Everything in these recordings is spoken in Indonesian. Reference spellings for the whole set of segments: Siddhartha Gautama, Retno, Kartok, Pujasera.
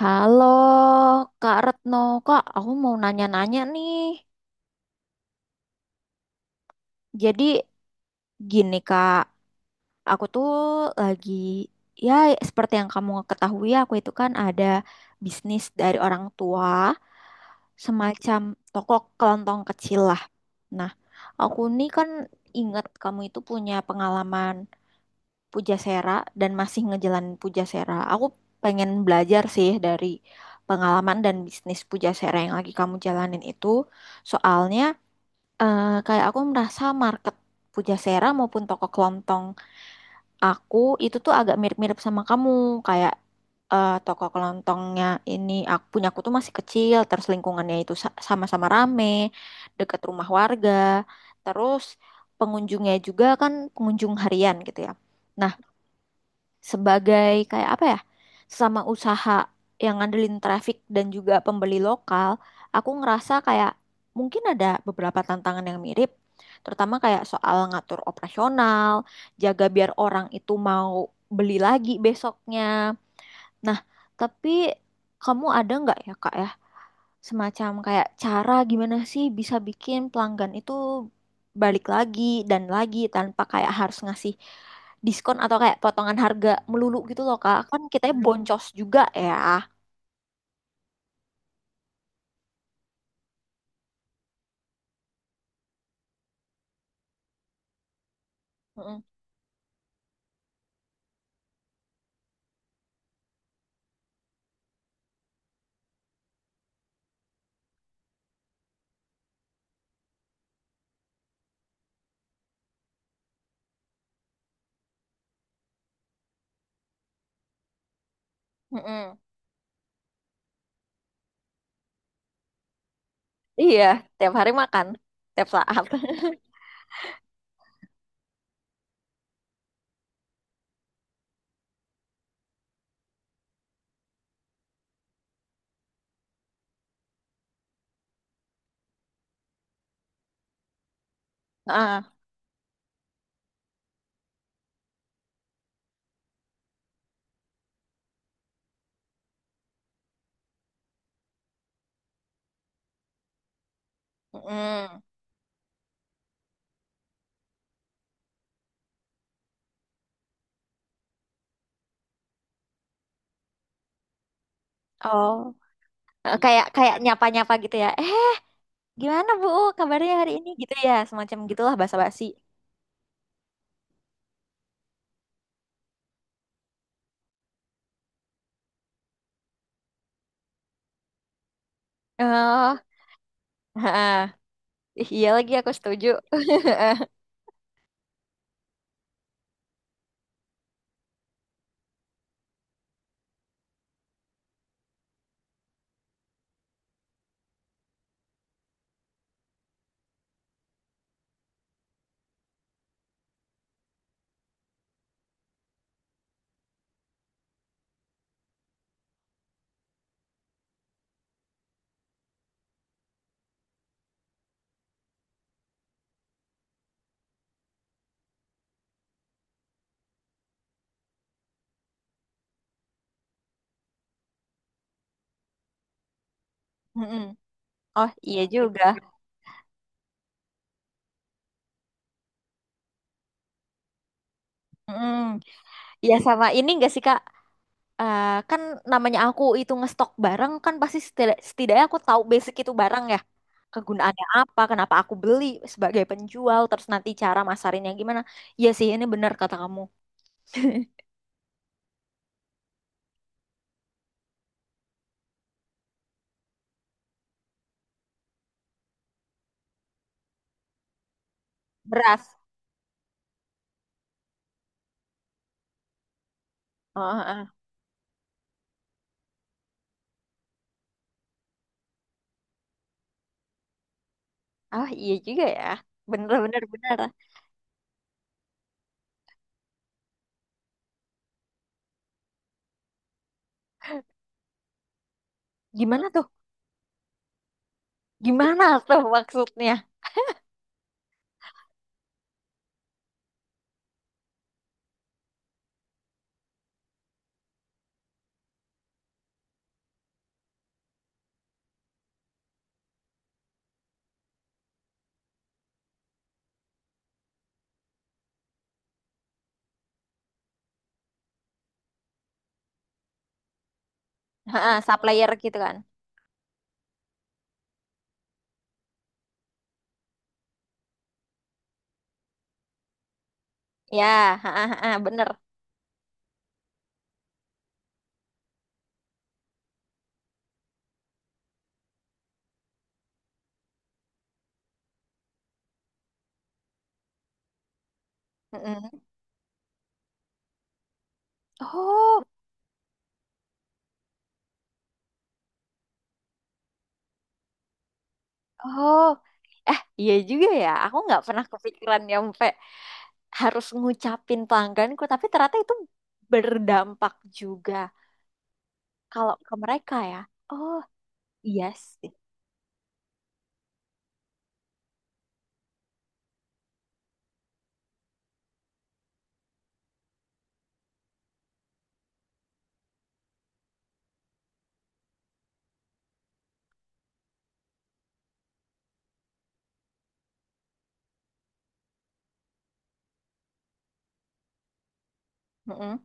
Halo, Kak Retno. Kak, aku mau nanya-nanya nih. Jadi gini, Kak. Aku tuh lagi, ya seperti yang kamu ketahui, aku itu kan ada bisnis dari orang tua, semacam toko kelontong kecil lah. Nah, aku nih kan ingat kamu itu punya pengalaman Pujasera dan masih ngejalanin Pujasera. Aku pengen belajar sih dari pengalaman dan bisnis Pujasera yang lagi kamu jalanin itu. Soalnya kayak aku merasa market Pujasera maupun toko kelontong aku itu tuh agak mirip-mirip sama kamu. Kayak toko kelontongnya ini aku punya aku tuh masih kecil, terus lingkungannya itu sama-sama rame, dekat rumah warga, terus pengunjungnya juga kan pengunjung harian gitu ya. Nah, sebagai kayak apa ya, sesama usaha yang ngandelin traffic dan juga pembeli lokal, aku ngerasa kayak mungkin ada beberapa tantangan yang mirip, terutama kayak soal ngatur operasional, jaga biar orang itu mau beli lagi besoknya. Nah tapi, kamu ada nggak ya kak ya, semacam kayak cara gimana sih bisa bikin pelanggan itu balik lagi dan lagi tanpa kayak harus ngasih diskon atau kayak potongan harga melulu gitu loh Kak. Kan kita boncos juga ya. Mm-mm. Mm-mm. Iya, tiap hari makan, tiap saat. Ah, mm-mm. Oh, eh, kayak kayak nyapa-nyapa gitu ya. Eh, gimana Bu? Kabarnya hari ini gitu ya, semacam gitulah basa-basi. Oh, ah, iya lagi aku setuju. Mm-mm. Oh iya gitu juga. Mm. Ya sama ini enggak sih Kak? Eh, kan namanya aku itu ngestok barang kan pasti setidaknya aku tahu basic itu barang ya. Kegunaannya apa, kenapa aku beli sebagai penjual, terus nanti cara masarinnya gimana. Iya sih ini benar kata kamu. Beras. Oh, oh, oh. Oh, iya juga ya. Bener bener bener. Gimana tuh? Gimana tuh maksudnya? Ha, supplier gitu kan. Ya, ha, ha, ha, bener. Mm-mm. Oh. Oh, eh iya juga ya. Aku nggak pernah kepikiran nyampe harus ngucapin pelangganku, tapi ternyata itu berdampak juga kalau ke mereka ya. Oh, iya sih. Mm-mm.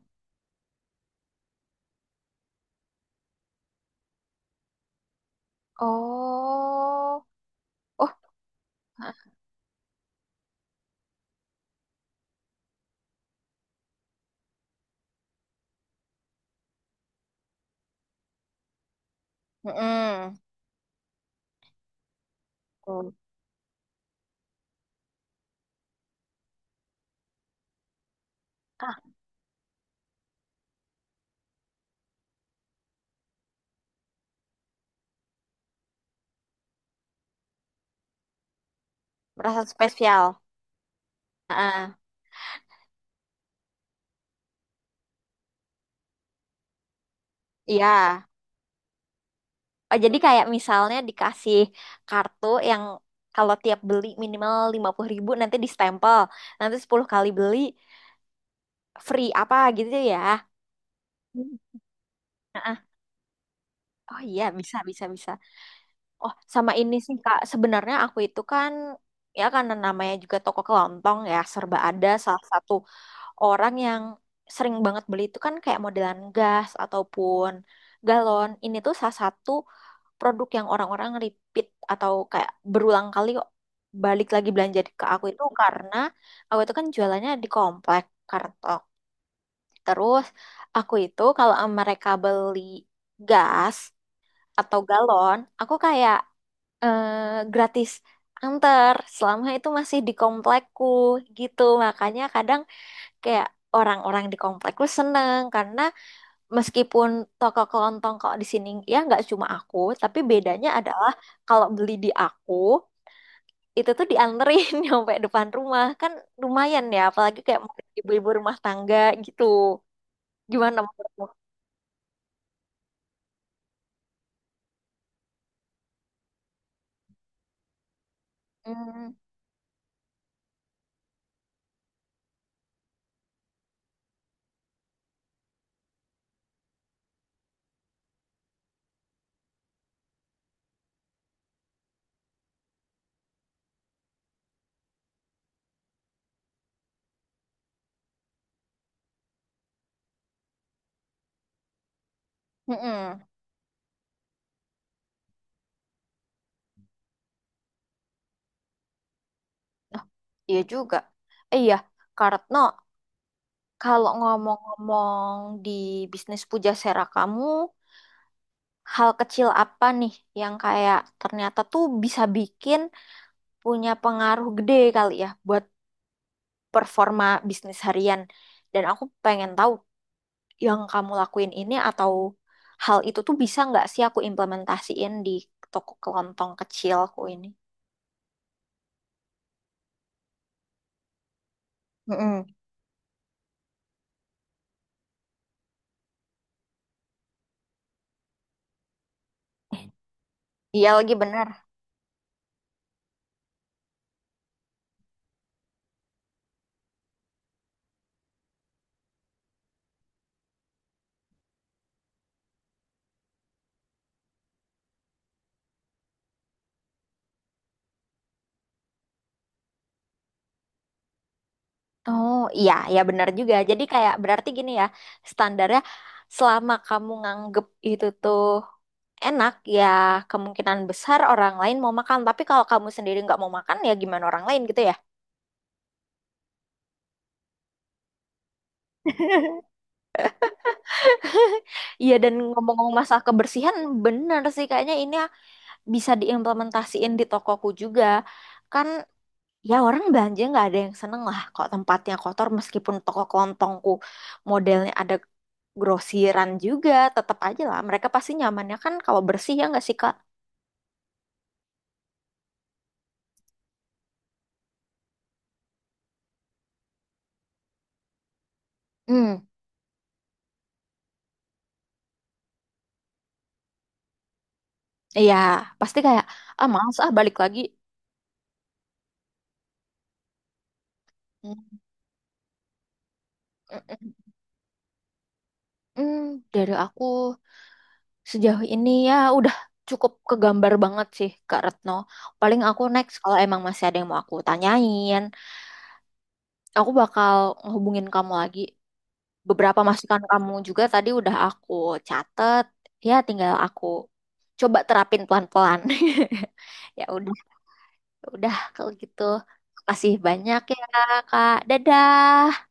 Oh, oh, mm. Ah, merasa spesial. Ah, iya. Oh, jadi kayak misalnya dikasih kartu yang kalau tiap beli minimal 50.000 nanti distempel. Nanti 10 kali beli free apa gitu ya. Hmm. Ah, oh iya bisa bisa bisa. Oh sama ini sih Kak, sebenarnya aku itu kan, ya karena namanya juga toko kelontong ya serba ada, salah satu orang yang sering banget beli itu kan kayak modelan gas ataupun galon. Ini tuh salah satu produk yang orang-orang repeat atau kayak berulang kali balik lagi belanja ke aku itu karena aku itu kan jualannya di komplek Kartok. Terus aku itu kalau mereka beli gas atau galon, aku kayak gratis antar selama itu masih di komplekku gitu. Makanya kadang kayak orang-orang di komplekku seneng karena meskipun toko kelontong kok di sini ya nggak cuma aku, tapi bedanya adalah kalau beli di aku itu tuh dianterin nyampe depan rumah kan lumayan ya, apalagi kayak mungkin ibu-ibu rumah tangga gitu. Gimana menurutmu? Hmm, mm-mm. Oh, iya juga. Eh, iya, Kartno. Kalau ngomong-ngomong di bisnis pujasera kamu, hal kecil apa nih yang kayak ternyata tuh bisa bikin punya pengaruh gede kali ya buat performa bisnis harian? Dan aku pengen tahu yang kamu lakuin ini atau hal itu tuh bisa nggak sih aku implementasiin di toko kelontong kecilku ini? Mm-mm. Iya lagi bener. Oh iya, ya benar juga. Jadi kayak berarti gini ya, standarnya selama kamu nganggep itu tuh enak, ya kemungkinan besar orang lain mau makan. Tapi kalau kamu sendiri nggak mau makan, ya gimana orang lain gitu ya. Iya, dan ngomong-ngomong masalah kebersihan, benar sih kayaknya ini bisa diimplementasiin di tokoku juga. Kan ya orang belanja nggak ada yang seneng lah kok tempatnya kotor, meskipun toko kelontongku modelnya ada grosiran juga tetap aja lah mereka pasti nyamannya kan kalau bersih ya nggak sih Kak? Hmm, iya pasti kayak ah males ah balik lagi. Hmm, mm, mm, mm. Dari aku sejauh ini ya udah cukup kegambar banget sih Kak Retno. Paling aku next kalau emang masih ada yang mau aku tanyain, aku bakal ngehubungin kamu lagi. Beberapa masukan kamu juga tadi udah aku catet, ya tinggal aku coba terapin pelan-pelan. Ya udah, ya udah kalau gitu. Makasih banyak ya, Kak. Dadah.